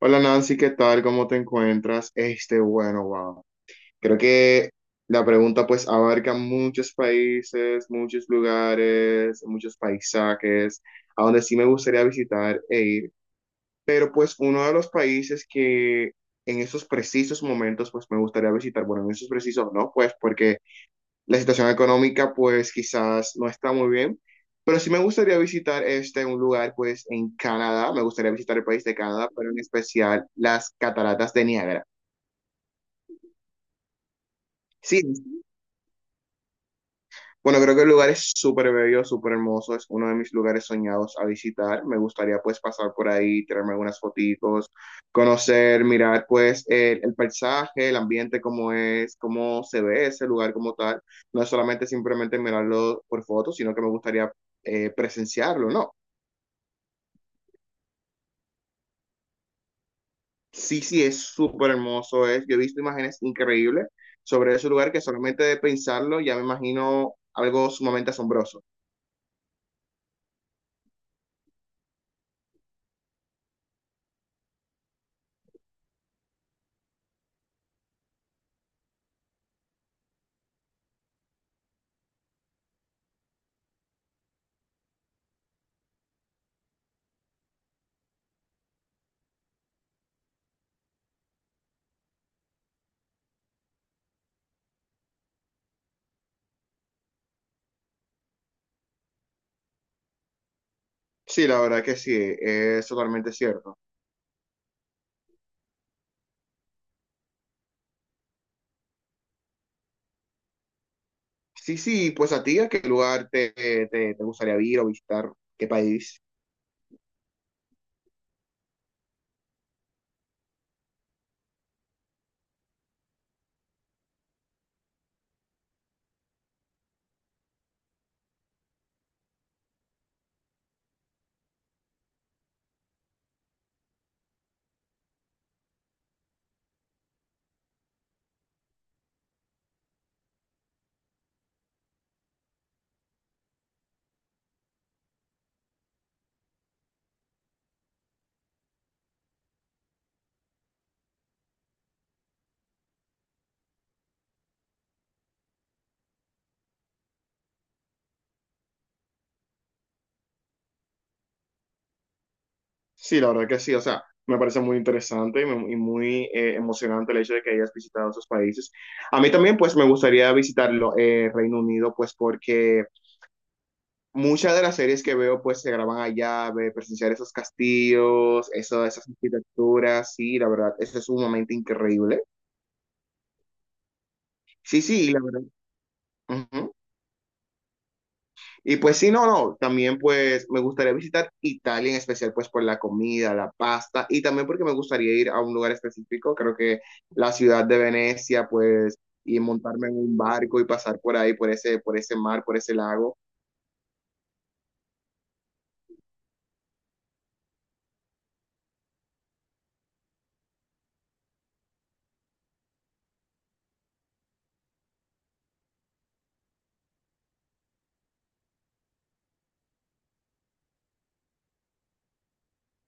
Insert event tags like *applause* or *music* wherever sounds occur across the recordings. Hola Nancy, ¿qué tal? ¿Cómo te encuentras? Bueno, wow. Creo que la pregunta pues abarca muchos países, muchos lugares, muchos paisajes, a donde sí me gustaría visitar e ir. Pero pues uno de los países que en esos precisos momentos pues me gustaría visitar, bueno, en esos precisos no, pues porque la situación económica pues quizás no está muy bien, pero sí me gustaría visitar un lugar pues en Canadá, me gustaría visitar el país de Canadá, pero en especial las cataratas de Niágara. Sí, bueno, creo que el lugar es súper bello, súper hermoso, es uno de mis lugares soñados a visitar. Me gustaría pues pasar por ahí, tirarme algunas fotitos, conocer, mirar pues el paisaje, el ambiente, cómo es, cómo se ve ese lugar como tal. No es solamente simplemente mirarlo por fotos, sino que me gustaría presenciarlo, ¿no? Sí, sí, es súper hermoso, yo he visto imágenes increíbles sobre ese lugar que solamente de pensarlo ya me imagino algo sumamente asombroso. Sí, la verdad que sí, es totalmente cierto. Sí, sí, pues a ti, ¿a qué lugar te gustaría ir o visitar? ¿Qué país? Sí, la verdad que sí, o sea, me parece muy interesante y y muy emocionante el hecho de que hayas visitado esos países. A mí también, pues, me gustaría visitarlo, Reino Unido, pues, porque muchas de las series que veo, pues, se graban allá, presenciar esos castillos, eso, esas arquitecturas, sí, la verdad, eso es sumamente increíble. Sí, sí, la verdad. Ujú. Y pues sí, no, no, también pues me gustaría visitar Italia en especial pues por la comida, la pasta y también porque me gustaría ir a un lugar específico, creo que la ciudad de Venecia pues y montarme en un barco y pasar por ahí, por ese mar, por ese lago.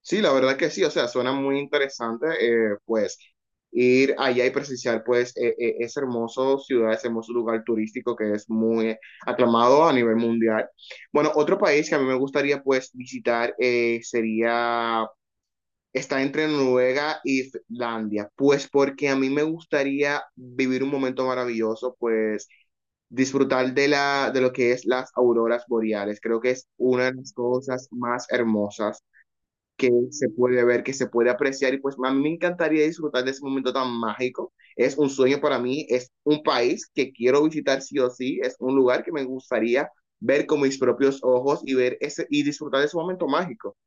Sí, la verdad que sí, o sea, suena muy interesante pues ir allá y presenciar pues ese hermoso ciudad, ese hermoso lugar turístico que es muy aclamado a nivel mundial. Bueno, otro país que a mí me gustaría pues visitar sería ¿está entre Noruega y Finlandia? Pues porque a mí me gustaría vivir un momento maravilloso, pues disfrutar de de lo que es las auroras boreales. Creo que es una de las cosas más hermosas que se puede ver, que se puede apreciar y pues a mí me encantaría disfrutar de ese momento tan mágico. Es un sueño para mí, es un país que quiero visitar sí o sí, es un lugar que me gustaría ver con mis propios ojos y ver ese y disfrutar de ese momento mágico.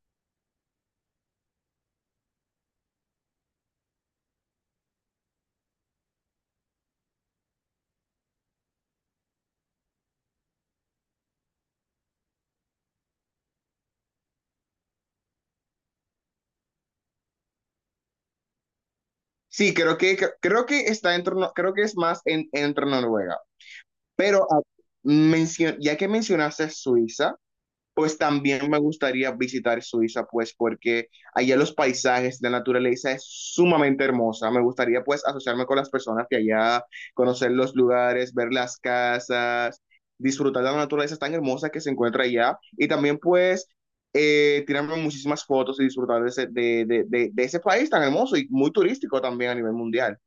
Sí, creo que está dentro, creo que es más entre Noruega. Pero ya que mencionaste Suiza, pues también me gustaría visitar Suiza, pues porque allá los paisajes, la naturaleza es sumamente hermosa. Me gustaría pues asociarme con las personas que allá, conocer los lugares, ver las casas, disfrutar de la naturaleza tan hermosa que se encuentra allá y también pues tirarme muchísimas fotos y disfrutar de ese, de ese país tan hermoso y muy turístico también a nivel mundial.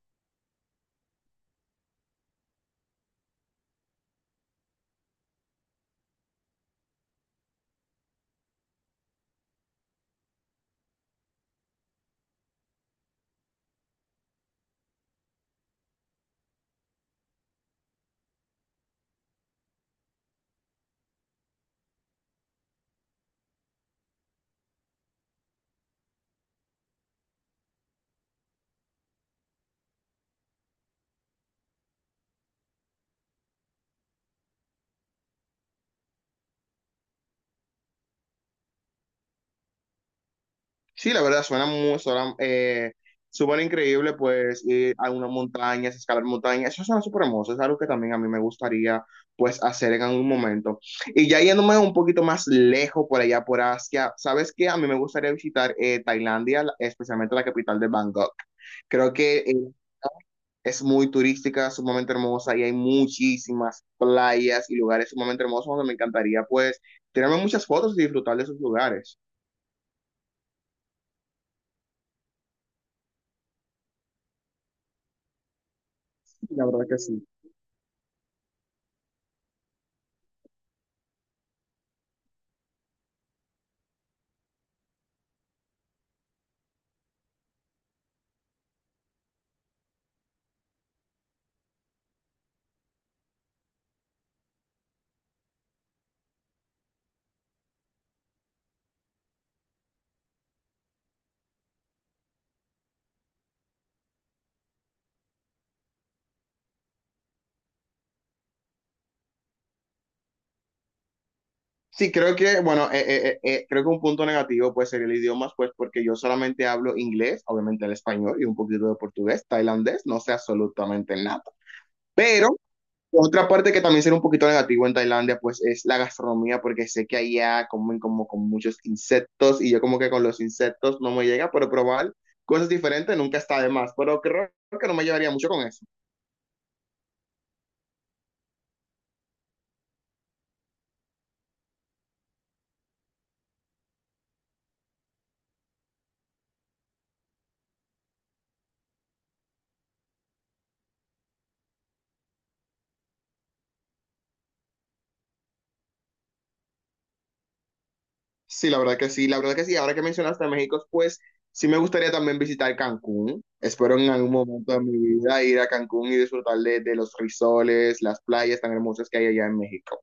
Sí, la verdad suena muy, suena, súper increíble, pues ir a unas montañas, escalar montañas, eso suena súper hermoso, es algo que también a mí me gustaría pues hacer en algún momento. Y ya yéndome un poquito más lejos por allá, por Asia, ¿sabes qué? A mí me gustaría visitar Tailandia, especialmente la capital de Bangkok. Creo que es muy turística, sumamente hermosa y hay muchísimas playas y lugares sumamente hermosos donde me encantaría pues tirarme muchas fotos y disfrutar de esos lugares. La verdad que sí. Sí, bueno, creo que un punto negativo puede ser el idioma, pues porque yo solamente hablo inglés, obviamente el español y un poquito de portugués, tailandés, no sé absolutamente nada. Pero otra parte que también será un poquito negativo en Tailandia, pues es la gastronomía, porque sé que allá comen como con muchos insectos y yo como que con los insectos no me llega, pero probar cosas diferentes nunca está de más, pero creo que no me llevaría mucho con eso. Sí, la verdad que sí, la verdad que sí. Ahora que mencionaste a México, pues sí me gustaría también visitar Cancún. Espero en algún momento de mi vida ir a Cancún y disfrutar de los risoles, las playas tan hermosas que hay allá en México.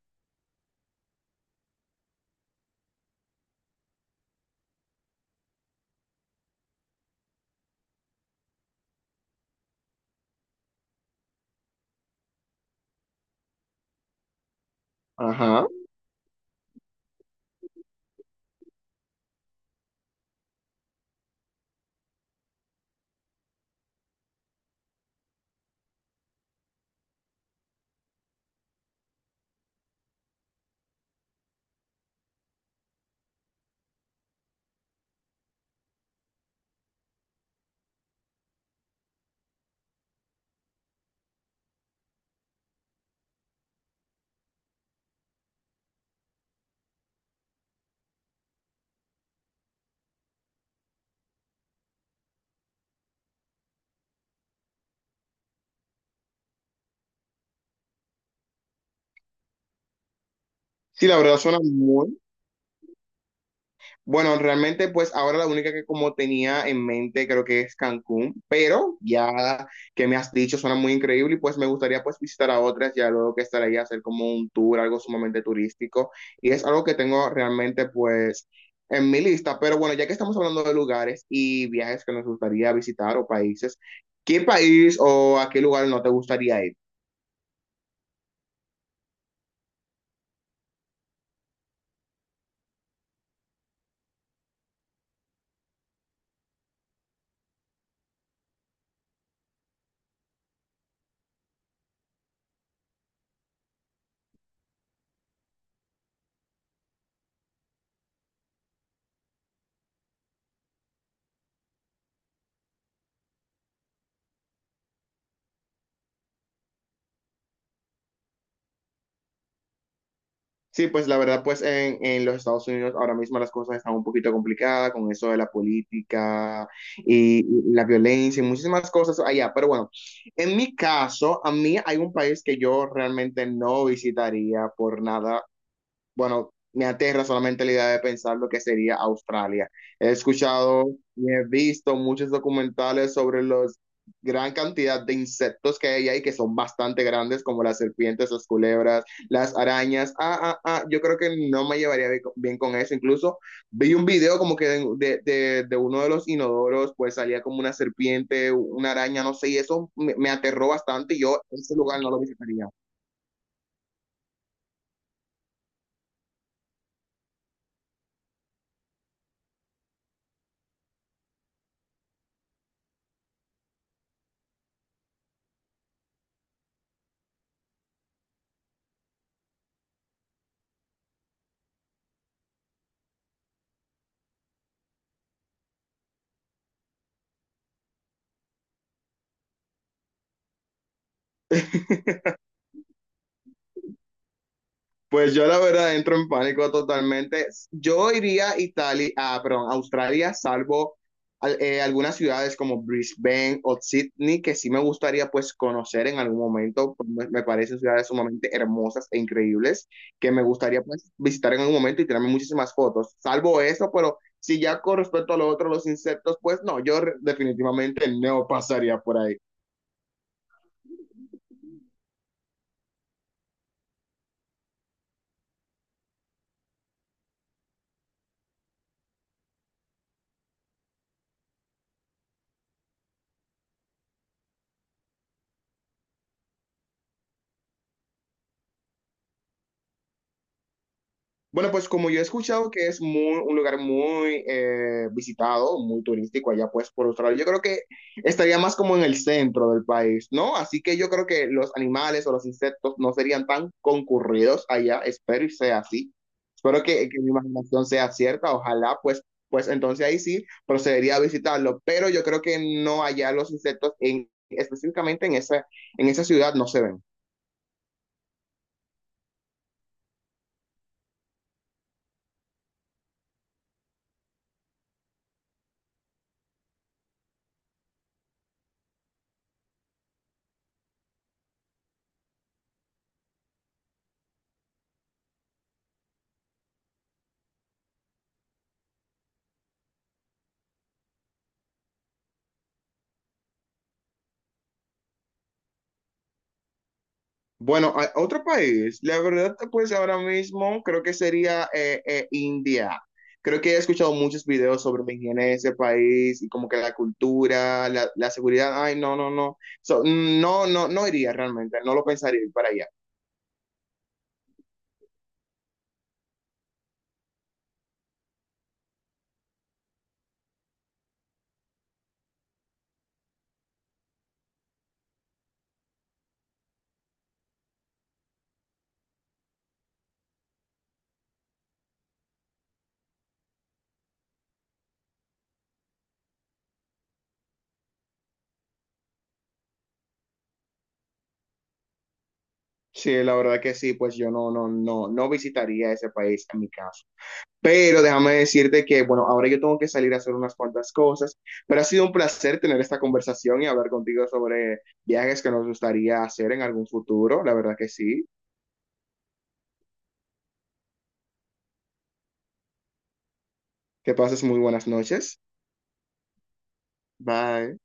Ajá. Sí, la verdad suena muy, bueno, realmente pues ahora la única que como tenía en mente creo que es Cancún, pero ya que me has dicho suena muy increíble y pues me gustaría pues visitar a otras ya luego que estaré ahí a hacer como un tour, algo sumamente turístico y es algo que tengo realmente pues en mi lista, pero bueno, ya que estamos hablando de lugares y viajes que nos gustaría visitar o países, ¿qué país o a qué lugar no te gustaría ir? Sí, pues la verdad, pues en los Estados Unidos ahora mismo las cosas están un poquito complicadas con eso de la política y la violencia y muchísimas cosas allá. Pero bueno, en mi caso, a mí hay un país que yo realmente no visitaría por nada, bueno, me aterra solamente la idea de pensar lo que sería Australia. He escuchado y he visto muchos documentales sobre los gran cantidad de insectos que hay ahí que son bastante grandes, como las serpientes, las culebras, las arañas. Ah, ah, ah, yo creo que no me llevaría bien con eso. Incluso vi un video como que de uno de los inodoros, pues salía como una serpiente, una araña, no sé, y eso me aterró bastante y yo ese lugar no lo visitaría. *laughs* Pues yo la verdad entro en pánico totalmente. Yo iría a Italia, ah, perdón, a Australia, salvo algunas ciudades como Brisbane o Sydney, que sí me gustaría pues conocer en algún momento. Pues, me parecen ciudades sumamente hermosas e increíbles que me gustaría pues visitar en algún momento y tirarme muchísimas fotos. Salvo eso, pero si ya con respecto a lo otro, los insectos, pues no, definitivamente no pasaría por ahí. Bueno, pues como yo he escuchado que es muy, un lugar muy visitado, muy turístico allá pues por Australia, yo creo que estaría más como en el centro del país, ¿no? Así que yo creo que los animales o los insectos no serían tan concurridos allá, espero y sea así. Espero que mi imaginación sea cierta, ojalá pues, pues entonces ahí sí procedería a visitarlo, pero yo creo que no allá los insectos específicamente en esa ciudad no se ven. Bueno, otro país, la verdad, pues ahora mismo creo que sería India. Creo que he escuchado muchos videos sobre la higiene de ese país y como que la cultura, la seguridad. Ay, no, no, no. So, no, no, no iría realmente, no lo pensaría ir para allá. Sí, la verdad que sí, pues yo no, no, no, no visitaría ese país en mi caso. Pero déjame decirte que, bueno, ahora yo tengo que salir a hacer unas cuantas cosas, pero ha sido un placer tener esta conversación y hablar contigo sobre viajes que nos gustaría hacer en algún futuro. La verdad que sí. Que pases muy buenas noches. Bye.